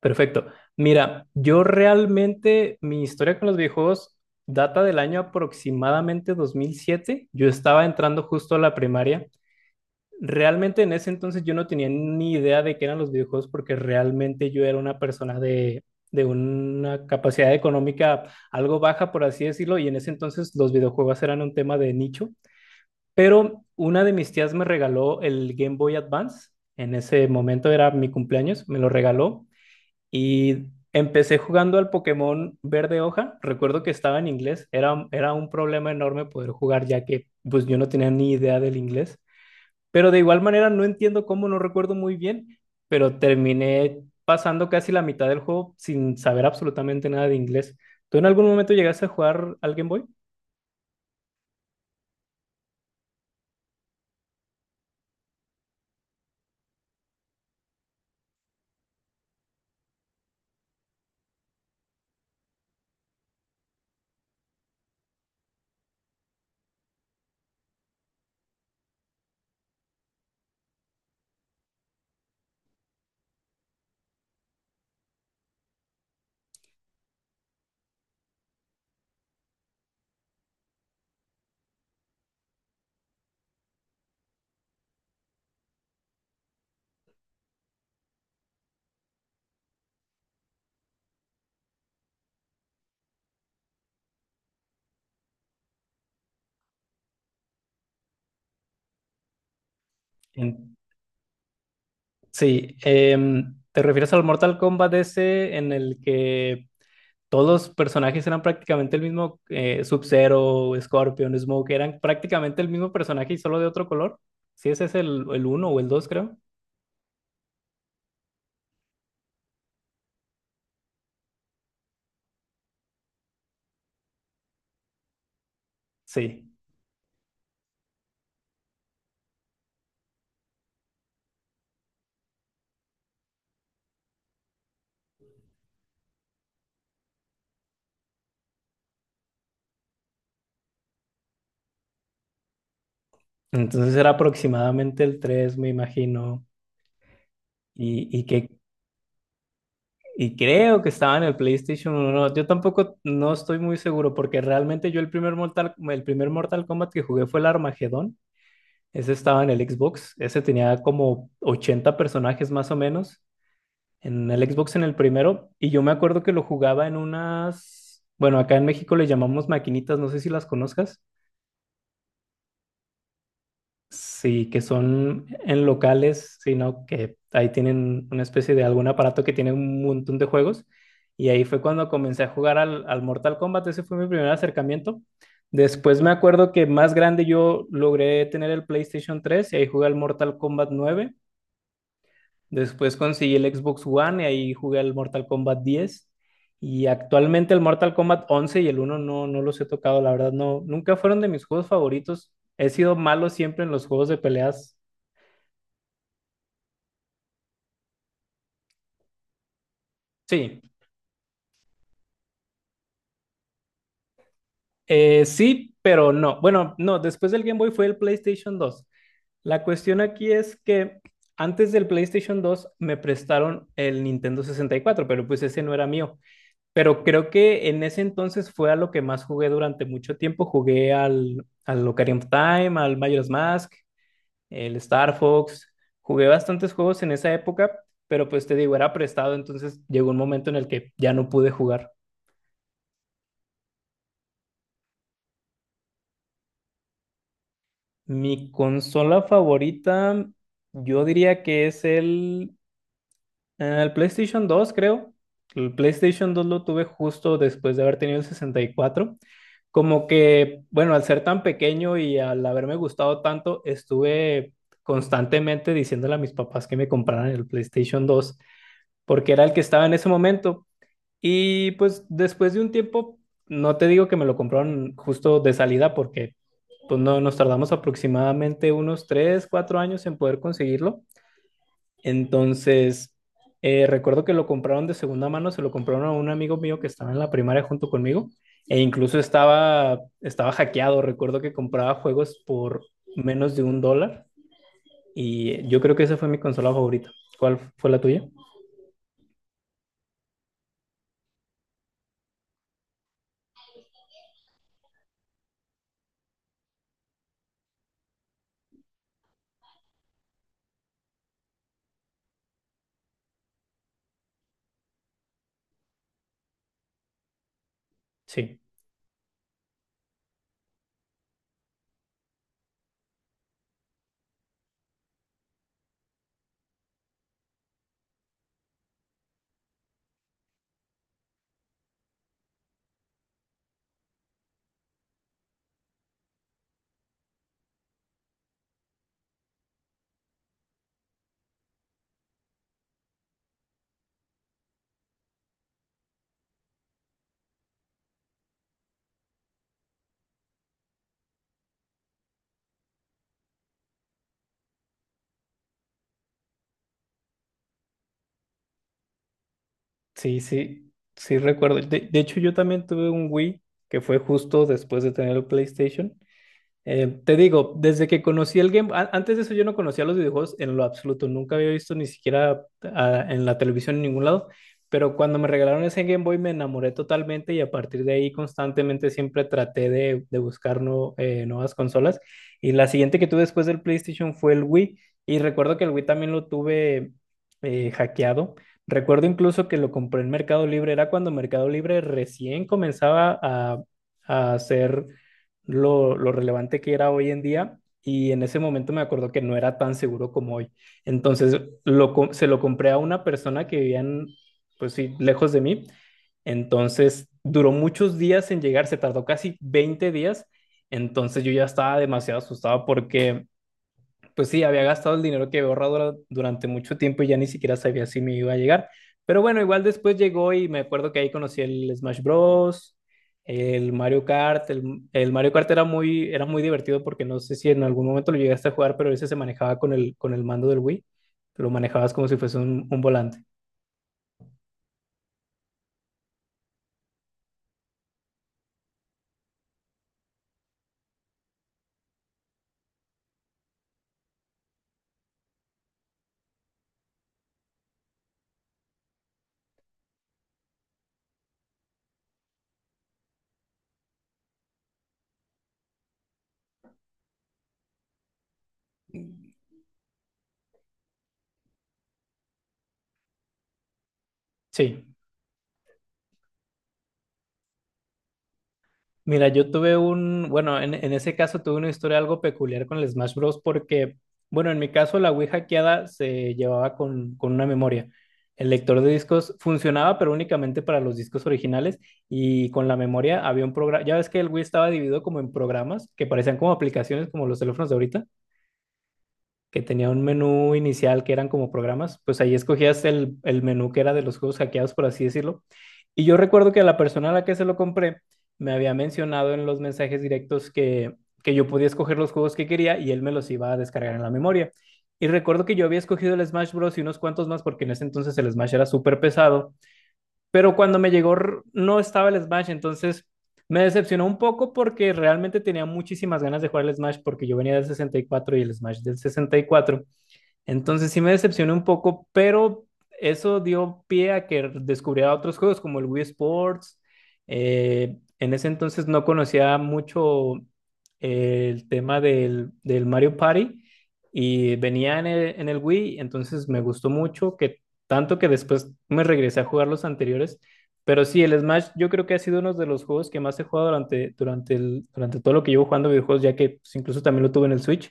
Perfecto. Mira, yo realmente mi historia con los videojuegos data del año aproximadamente 2007. Yo estaba entrando justo a la primaria. Realmente en ese entonces yo no tenía ni idea de qué eran los videojuegos porque realmente yo era una persona de una capacidad económica algo baja, por así decirlo, y en ese entonces los videojuegos eran un tema de nicho. Pero una de mis tías me regaló el Game Boy Advance. En ese momento era mi cumpleaños, me lo regaló y empecé jugando al Pokémon Verde Hoja. Recuerdo que estaba en inglés. Era un problema enorme poder jugar ya que pues yo no tenía ni idea del inglés. Pero de igual manera no entiendo cómo, no recuerdo muy bien, pero terminé pasando casi la mitad del juego sin saber absolutamente nada de inglés. ¿Tú en algún momento llegaste a jugar al Game Boy? En- Sí, ¿te refieres al Mortal Kombat ese en el que todos los personajes eran prácticamente el mismo, Sub-Zero, Scorpion, Smoke, eran prácticamente el mismo personaje y solo de otro color? Si ese es el uno o el dos, creo. Sí. Entonces era aproximadamente el 3, me imagino. Y, y que y creo que estaba en el PlayStation 1. Yo tampoco no estoy muy seguro porque realmente yo el primer Mortal Kombat que jugué fue el Armagedón. Ese estaba en el Xbox. Ese tenía como 80 personajes más o menos, en el Xbox en el primero, y yo me acuerdo que lo jugaba en unas, bueno, acá en México le llamamos maquinitas, no sé si las conozcas, sí, que son en locales, sino que ahí tienen una especie de algún aparato que tiene un montón de juegos, y ahí fue cuando comencé a jugar al Mortal Kombat, ese fue mi primer acercamiento. Después me acuerdo que más grande yo logré tener el PlayStation tres y ahí jugué al Mortal Kombat nueve. Después conseguí el Xbox One y ahí jugué al Mortal Kombat 10. Y actualmente el Mortal Kombat 11 y el uno no, no los he tocado, la verdad, no. Nunca fueron de mis juegos favoritos. He sido malo siempre en los juegos de peleas. Sí. Sí, pero no. Bueno, no, después del Game Boy fue el PlayStation 2. La cuestión aquí es que antes del PlayStation 2 me prestaron el Nintendo 64, pero pues ese no era mío. Pero creo que en ese entonces fue a lo que más jugué durante mucho tiempo. Jugué al Ocarina of Time, al Majora's Mask, el Star Fox. Jugué bastantes juegos en esa época, pero pues te digo, era prestado, entonces llegó un momento en el que ya no pude jugar. Mi consola favorita, yo diría que es el PlayStation 2, creo. El PlayStation 2 lo tuve justo después de haber tenido el 64. Como que, bueno, al ser tan pequeño y al haberme gustado tanto, estuve constantemente diciéndole a mis papás que me compraran el PlayStation 2 porque era el que estaba en ese momento. Y pues después de un tiempo, no te digo que me lo compraron justo de salida, porque pues no, nos tardamos aproximadamente unos 3 4 años en poder conseguirlo, entonces, recuerdo que lo compraron de segunda mano, se lo compraron a un amigo mío que estaba en la primaria junto conmigo e incluso estaba hackeado. Recuerdo que compraba juegos por menos de un dólar y yo creo que esa fue mi consola favorita. ¿Cuál fue la tuya? Sí, sí, sí, sí recuerdo. De hecho, yo también tuve un Wii que fue justo después de tener el PlayStation. Te digo, desde que conocí el Game, antes de eso yo no conocía los videojuegos en lo absoluto, nunca había visto ni siquiera en la televisión en ningún lado, pero cuando me regalaron ese Game Boy me enamoré totalmente y a partir de ahí constantemente siempre traté de buscar nuevas consolas. Y la siguiente que tuve después del PlayStation fue el Wii y recuerdo que el Wii también lo tuve hackeado. Recuerdo incluso que lo compré en Mercado Libre, era cuando Mercado Libre recién comenzaba a hacer lo relevante que era hoy en día y en ese momento me acuerdo que no era tan seguro como hoy. Entonces se lo compré a una persona que vivía en, pues sí, lejos de mí. Entonces duró muchos días en llegar, se tardó casi 20 días. Entonces yo ya estaba demasiado asustado porque pues sí, había gastado el dinero que había ahorrado durante mucho tiempo y ya ni siquiera sabía si me iba a llegar. Pero bueno, igual después llegó y me acuerdo que ahí conocí el Smash Bros, el Mario Kart. El Mario Kart era muy divertido porque no sé si en algún momento lo llegaste a jugar, pero ese se manejaba con el mando del Wii. Lo manejabas como si fuese un volante. Sí. Mira, yo tuve un, bueno, en ese caso tuve una historia algo peculiar con el Smash Bros. Porque, bueno, en mi caso la Wii hackeada se llevaba con una memoria. El lector de discos funcionaba, pero únicamente para los discos originales y con la memoria había un programa, ya ves que el Wii estaba dividido como en programas que parecían como aplicaciones como los teléfonos de ahorita, que tenía un menú inicial que eran como programas, pues ahí escogías el menú que era de los juegos hackeados, por así decirlo. Y yo recuerdo que la persona a la que se lo compré me había mencionado en los mensajes directos que yo podía escoger los juegos que quería y él me los iba a descargar en la memoria. Y recuerdo que yo había escogido el Smash Bros. Y unos cuantos más porque en ese entonces el Smash era súper pesado, pero cuando me llegó no estaba el Smash, entonces me decepcionó un poco porque realmente tenía muchísimas ganas de jugar el Smash porque yo venía del 64 y cuatro y el Smash del 64, entonces sí me decepcioné un poco, pero eso dio pie a que descubriera otros juegos como el Wii Sports. En ese entonces no conocía mucho el tema del Mario Party y venía en el Wii, entonces me gustó mucho, que tanto que después me regresé a jugar los anteriores. Pero sí, el Smash yo creo que ha sido uno de los juegos que más he jugado durante todo lo que llevo jugando videojuegos, ya que pues, incluso también lo tuve en el Switch,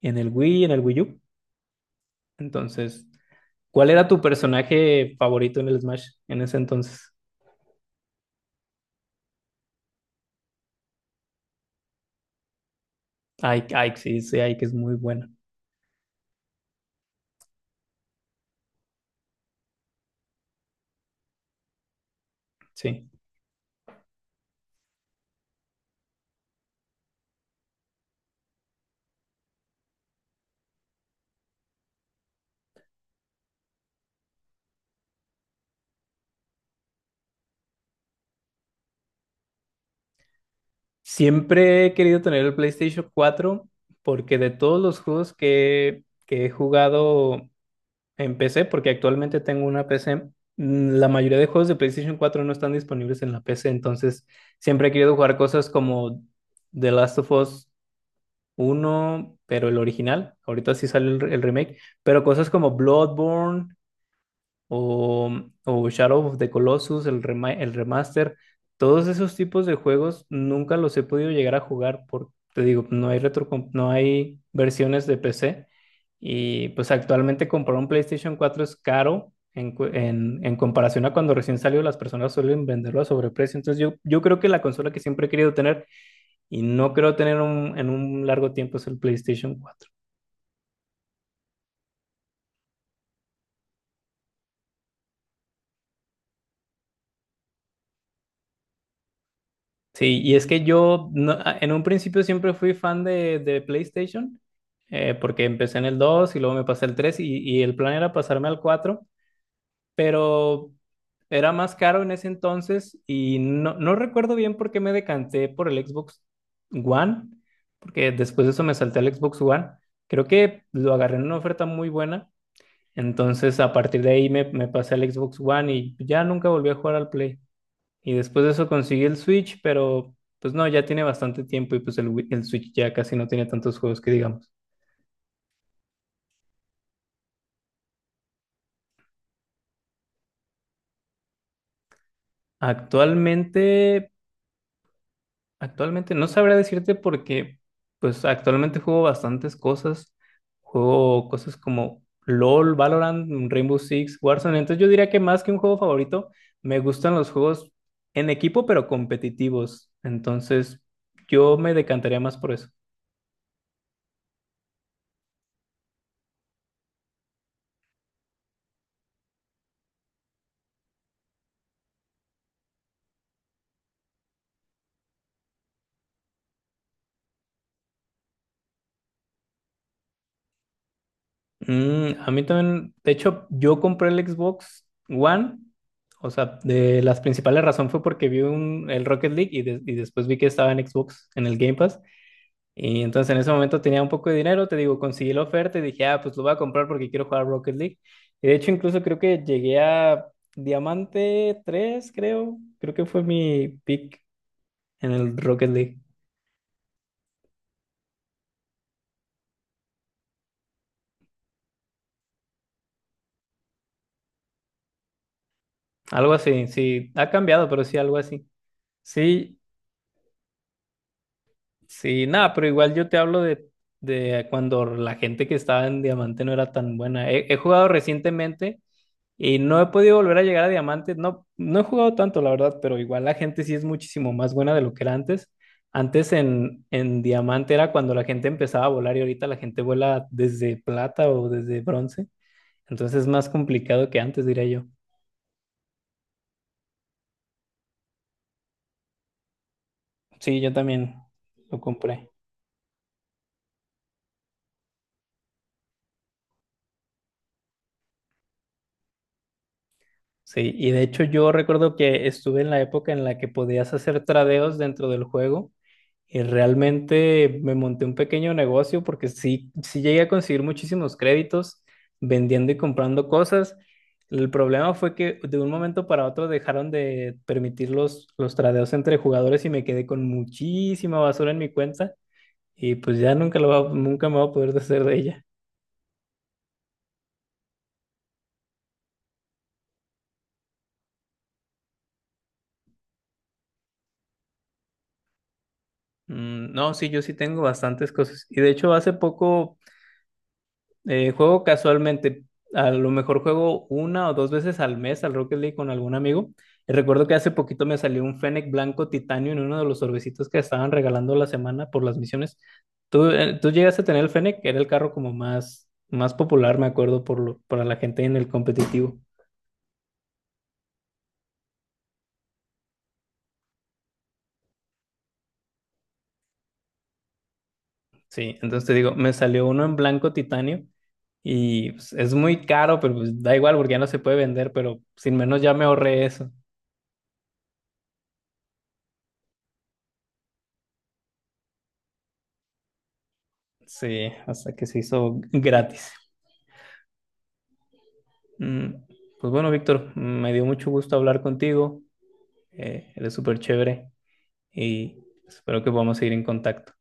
en el Wii U. Entonces, ¿cuál era tu personaje favorito en el Smash en ese entonces? Ike, sí, sí, Ike es muy bueno. Sí. Siempre he querido tener el PlayStation cuatro porque de todos los juegos que he jugado en PC, porque actualmente tengo una PC, la mayoría de juegos de PlayStation cuatro no están disponibles en la PC, entonces siempre he querido jugar cosas como The Last of Us uno, pero el original, ahorita sí sale el remake, pero cosas como Bloodborne, o, o Shadow of the Colossus, el el remaster. Todos esos tipos de juegos nunca los he podido llegar a jugar porque, te digo, no hay no hay versiones de PC. Y pues actualmente comprar un PlayStation cuatro es caro en comparación a cuando recién salió, las personas suelen venderlo a sobreprecio, entonces yo creo que la consola que siempre he querido tener y no creo tener en un largo tiempo es el PlayStation cuatro. Sí, y es que yo no- a- en un principio siempre fui fan de PlayStation, porque empecé en el 2 y luego me pasé al 3 y el plan era pasarme al 4, pero era más caro en ese entonces y no, no recuerdo bien por qué me decanté por el Xbox One, porque después de eso me salté al Xbox One. Creo que lo agarré en una oferta muy buena, entonces a partir de ahí me pasé al Xbox One y ya nunca volví a jugar al Play. Y después de eso conseguí el Switch, pero pues no, ya tiene bastante tiempo y pues el Switch ya casi no tiene tantos juegos que digamos. Actualmente, actualmente no sabré decirte porque pues actualmente juego bastantes cosas. Juego cosas como LOL, Valorant, Rainbow Six, Warzone. Entonces yo diría que más que un juego favorito, me gustan los juegos en equipo pero competitivos. Entonces yo me decantaría más por eso. A mí también, de hecho, yo compré el Xbox One, o sea, de las principales razones fue porque vi un, el Rocket League y, y después vi que estaba en Xbox, en el Game Pass, y entonces en ese momento tenía un poco de dinero, te digo, conseguí la oferta y dije, ah, pues lo voy a comprar porque quiero jugar Rocket League. Y de hecho, incluso creo que llegué a Diamante 3, creo, creo que fue mi pick en el Rocket League. Algo así, sí, ha cambiado, pero sí, algo así. Sí. Sí, nada, pero igual yo te hablo de cuando la gente que estaba en diamante no era tan buena. He, he jugado recientemente y no he podido volver a llegar a diamante. No, no he jugado tanto, la verdad, pero igual la gente sí es muchísimo más buena de lo que era antes. Antes en diamante era cuando la gente empezaba a volar y ahorita la gente vuela desde plata o desde bronce. Entonces es más complicado que antes, diría yo. Sí, yo también lo compré. Sí, y de hecho yo recuerdo que estuve en la época en la que podías hacer tradeos dentro del juego y realmente me monté un pequeño negocio porque sí, sí llegué a conseguir muchísimos créditos vendiendo y comprando cosas. El problema fue que de un momento para otro dejaron de permitir los tradeos entre jugadores y me quedé con muchísima basura en mi cuenta y pues ya nunca, nunca me voy a poder deshacer de ella. No, sí, yo sí tengo bastantes cosas. Y de hecho, hace poco juego casualmente, a lo mejor juego una o dos veces al mes al Rocket League con algún amigo. Y recuerdo que hace poquito me salió un Fennec blanco titanio en uno de los sobrecitos que estaban regalando la semana por las misiones. ¿Tú, tú llegaste a tener el Fennec? Era el carro como más, más popular, me acuerdo, por lo, para la gente en el competitivo. Sí, entonces te digo, me salió uno en blanco titanio. Y pues, es muy caro, pero pues, da igual porque ya no se puede vender, pero sin menos ya me ahorré eso. Sí, hasta que se hizo gratis. Mm, Pues bueno, Víctor, me dio mucho gusto hablar contigo. Eres súper chévere y espero que podamos seguir en contacto.